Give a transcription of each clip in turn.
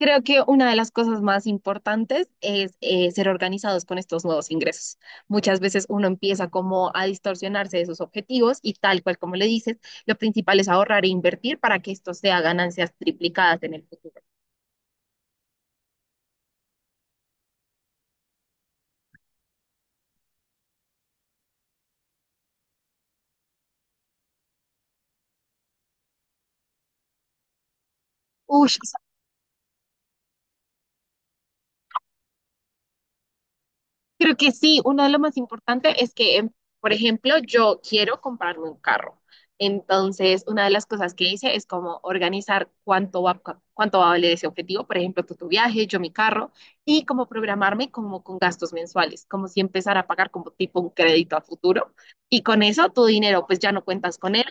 Creo que una de las cosas más importantes es ser organizados con estos nuevos ingresos. Muchas veces uno empieza como a distorsionarse de sus objetivos y tal cual como le dices, lo principal es ahorrar e invertir para que esto sea ganancias triplicadas en el futuro. Uy, creo que sí, uno de los más importantes es que, por ejemplo, yo quiero comprarme un carro. Entonces, una de las cosas que hice es como organizar cuánto va a valer ese objetivo. Por ejemplo, tú tu viaje, yo mi carro, y como programarme como con gastos mensuales, como si empezara a pagar como tipo un crédito a futuro. Y con eso tu dinero, pues ya no cuentas con él.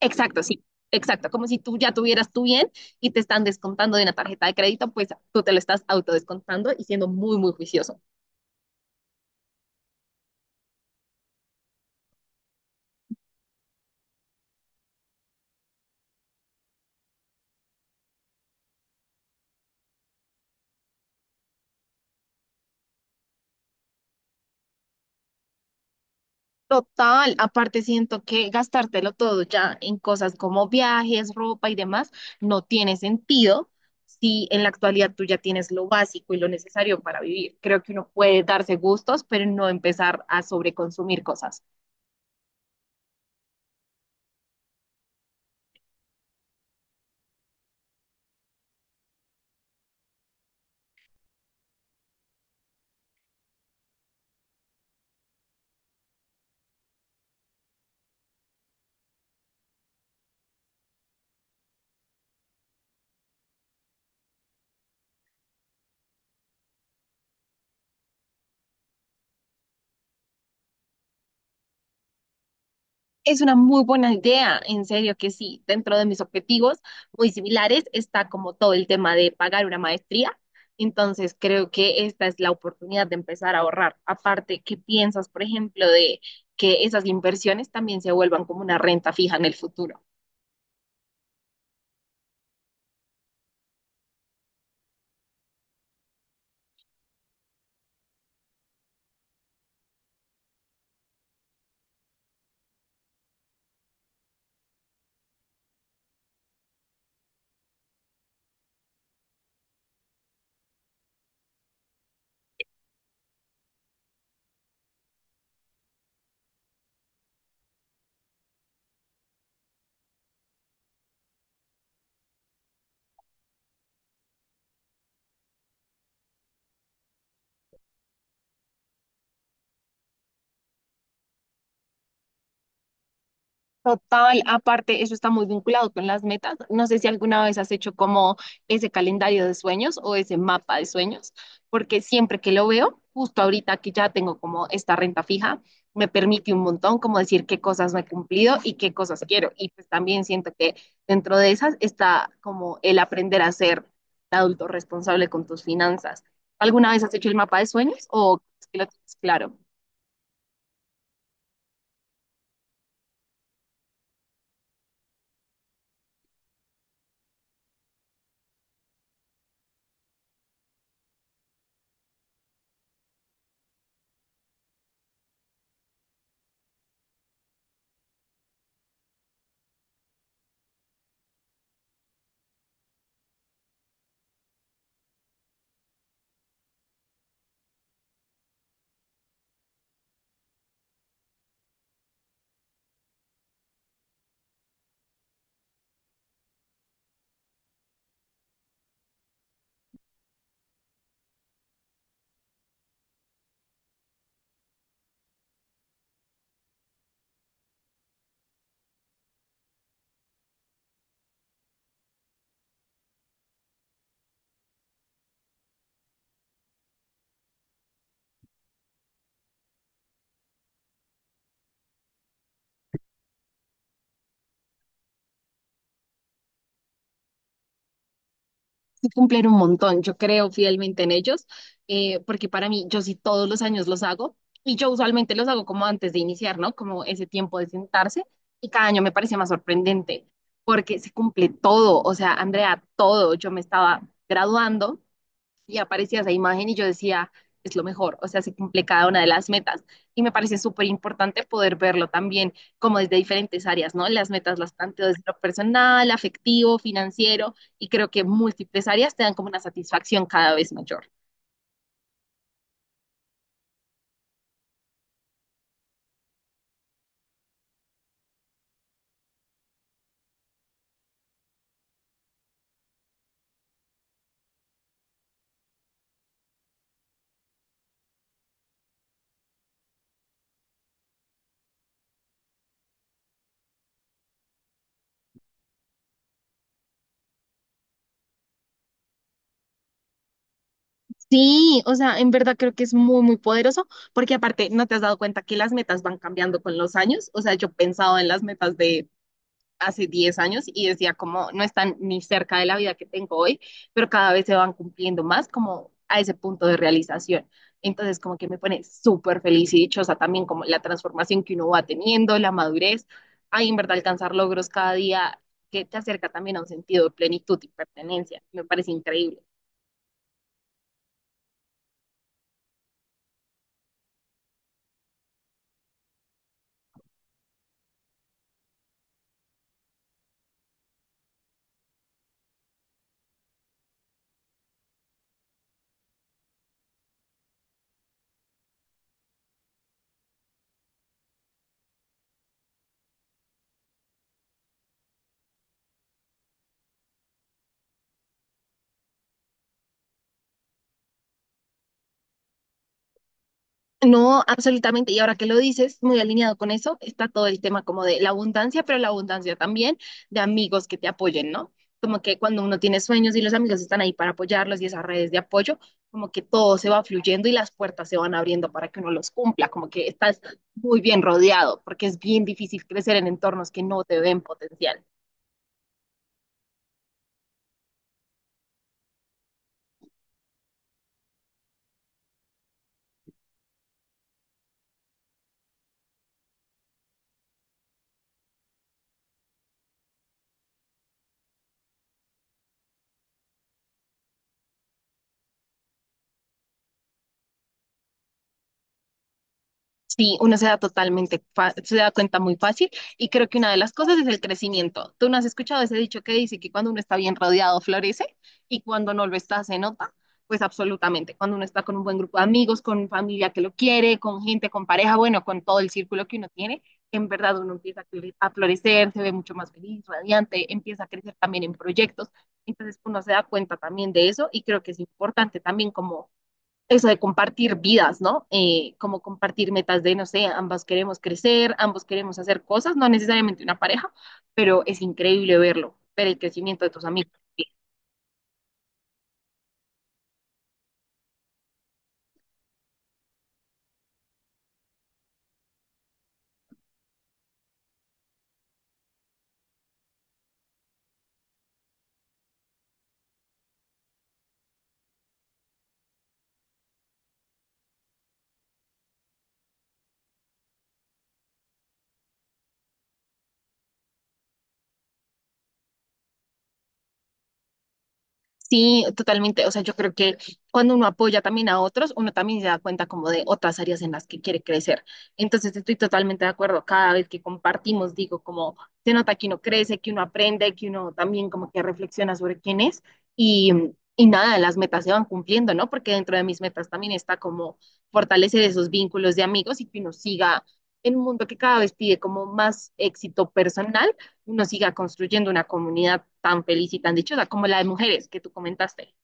Exacto, sí, exacto. Como si tú ya tuvieras tu bien y te están descontando de una tarjeta de crédito, pues tú te lo estás autodescontando y siendo muy, muy juicioso. Total, aparte siento que gastártelo todo ya en cosas como viajes, ropa y demás no tiene sentido si en la actualidad tú ya tienes lo básico y lo necesario para vivir. Creo que uno puede darse gustos, pero no empezar a sobreconsumir cosas. Es una muy buena idea, en serio que sí. Dentro de mis objetivos muy similares está como todo el tema de pagar una maestría. Entonces creo que esta es la oportunidad de empezar a ahorrar. Aparte, ¿qué piensas, por ejemplo, de que esas inversiones también se vuelvan como una renta fija en el futuro? Total, aparte, eso está muy vinculado con las metas. No sé si alguna vez has hecho como ese calendario de sueños o ese mapa de sueños, porque siempre que lo veo, justo ahorita que ya tengo como esta renta fija, me permite un montón como decir qué cosas no he cumplido y qué cosas quiero. Y pues también siento que dentro de esas está como el aprender a ser adulto responsable con tus finanzas. ¿Alguna vez has hecho el mapa de sueños o es que lo tienes claro? Sí cumplen un montón. Yo creo fielmente en ellos, porque para mí, yo sí todos los años los hago y yo usualmente los hago como antes de iniciar, ¿no? Como ese tiempo de sentarse y cada año me parece más sorprendente porque se cumple todo. O sea, Andrea, todo. Yo me estaba graduando y aparecía esa imagen y yo decía, es lo mejor, o sea, se cumple cada una de las metas. Y me parece súper importante poder verlo también como desde diferentes áreas, ¿no? Las metas las planteo desde lo personal, afectivo, financiero, y creo que múltiples áreas te dan como una satisfacción cada vez mayor. Sí, o sea, en verdad creo que es muy, muy poderoso, porque aparte, ¿no te has dado cuenta que las metas van cambiando con los años? O sea, yo he pensado en las metas de hace 10 años y decía como no están ni cerca de la vida que tengo hoy, pero cada vez se van cumpliendo más como a ese punto de realización. Entonces como que me pone súper feliz y dichosa también como la transformación que uno va teniendo, la madurez, ahí en verdad alcanzar logros cada día que te acerca también a un sentido de plenitud y pertenencia. Me parece increíble. No, absolutamente. Y ahora que lo dices, muy alineado con eso, está todo el tema como de la abundancia, pero la abundancia también de amigos que te apoyen, ¿no? Como que cuando uno tiene sueños y los amigos están ahí para apoyarlos y esas redes de apoyo, como que todo se va fluyendo y las puertas se van abriendo para que uno los cumpla, como que estás muy bien rodeado, porque es bien difícil crecer en entornos que no te ven potencial. Sí, uno se da totalmente, se da cuenta muy fácil y creo que una de las cosas es el crecimiento. ¿Tú no has escuchado ese dicho que dice que cuando uno está bien rodeado florece y cuando no lo está se nota? Pues absolutamente, cuando uno está con un buen grupo de amigos, con familia que lo quiere, con gente, con pareja, bueno, con todo el círculo que uno tiene, en verdad uno empieza a a florecer, se ve mucho más feliz, radiante, empieza a crecer también en proyectos. Entonces uno se da cuenta también de eso y creo que es importante también como eso de compartir vidas, ¿no? Como compartir metas de, no sé, ambas queremos crecer, ambos queremos hacer cosas, no necesariamente una pareja, pero es increíble verlo, ver el crecimiento de tus amigos. Sí, totalmente. O sea, yo creo que cuando uno apoya también a otros, uno también se da cuenta como de otras áreas en las que quiere crecer. Entonces, estoy totalmente de acuerdo. Cada vez que compartimos, digo, como se nota que uno crece, que uno aprende, que uno también como que reflexiona sobre quién es y, y nada, las metas se van cumpliendo, ¿no? Porque dentro de mis metas también está como fortalecer esos vínculos de amigos y que uno siga en un mundo que cada vez pide como más éxito personal, uno siga construyendo una comunidad tan feliz y tan dichosa como la de mujeres que tú comentaste.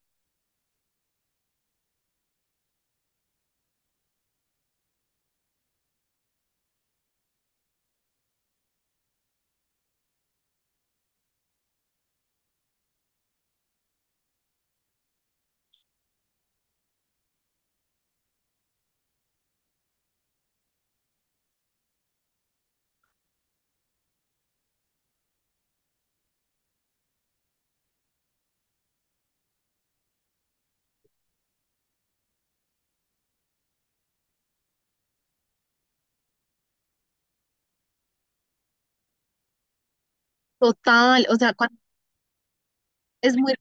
Total, o sea, es muy,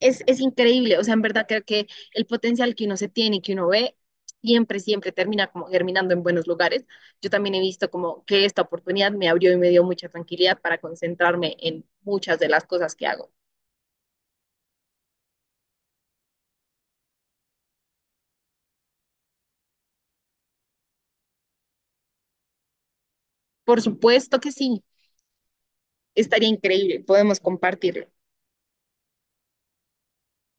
es increíble, o sea, en verdad creo que el potencial que uno se tiene y que uno ve siempre, siempre termina como germinando en buenos lugares. Yo también he visto como que esta oportunidad me abrió y me dio mucha tranquilidad para concentrarme en muchas de las cosas que hago. Por supuesto que sí, estaría increíble, podemos compartirlo.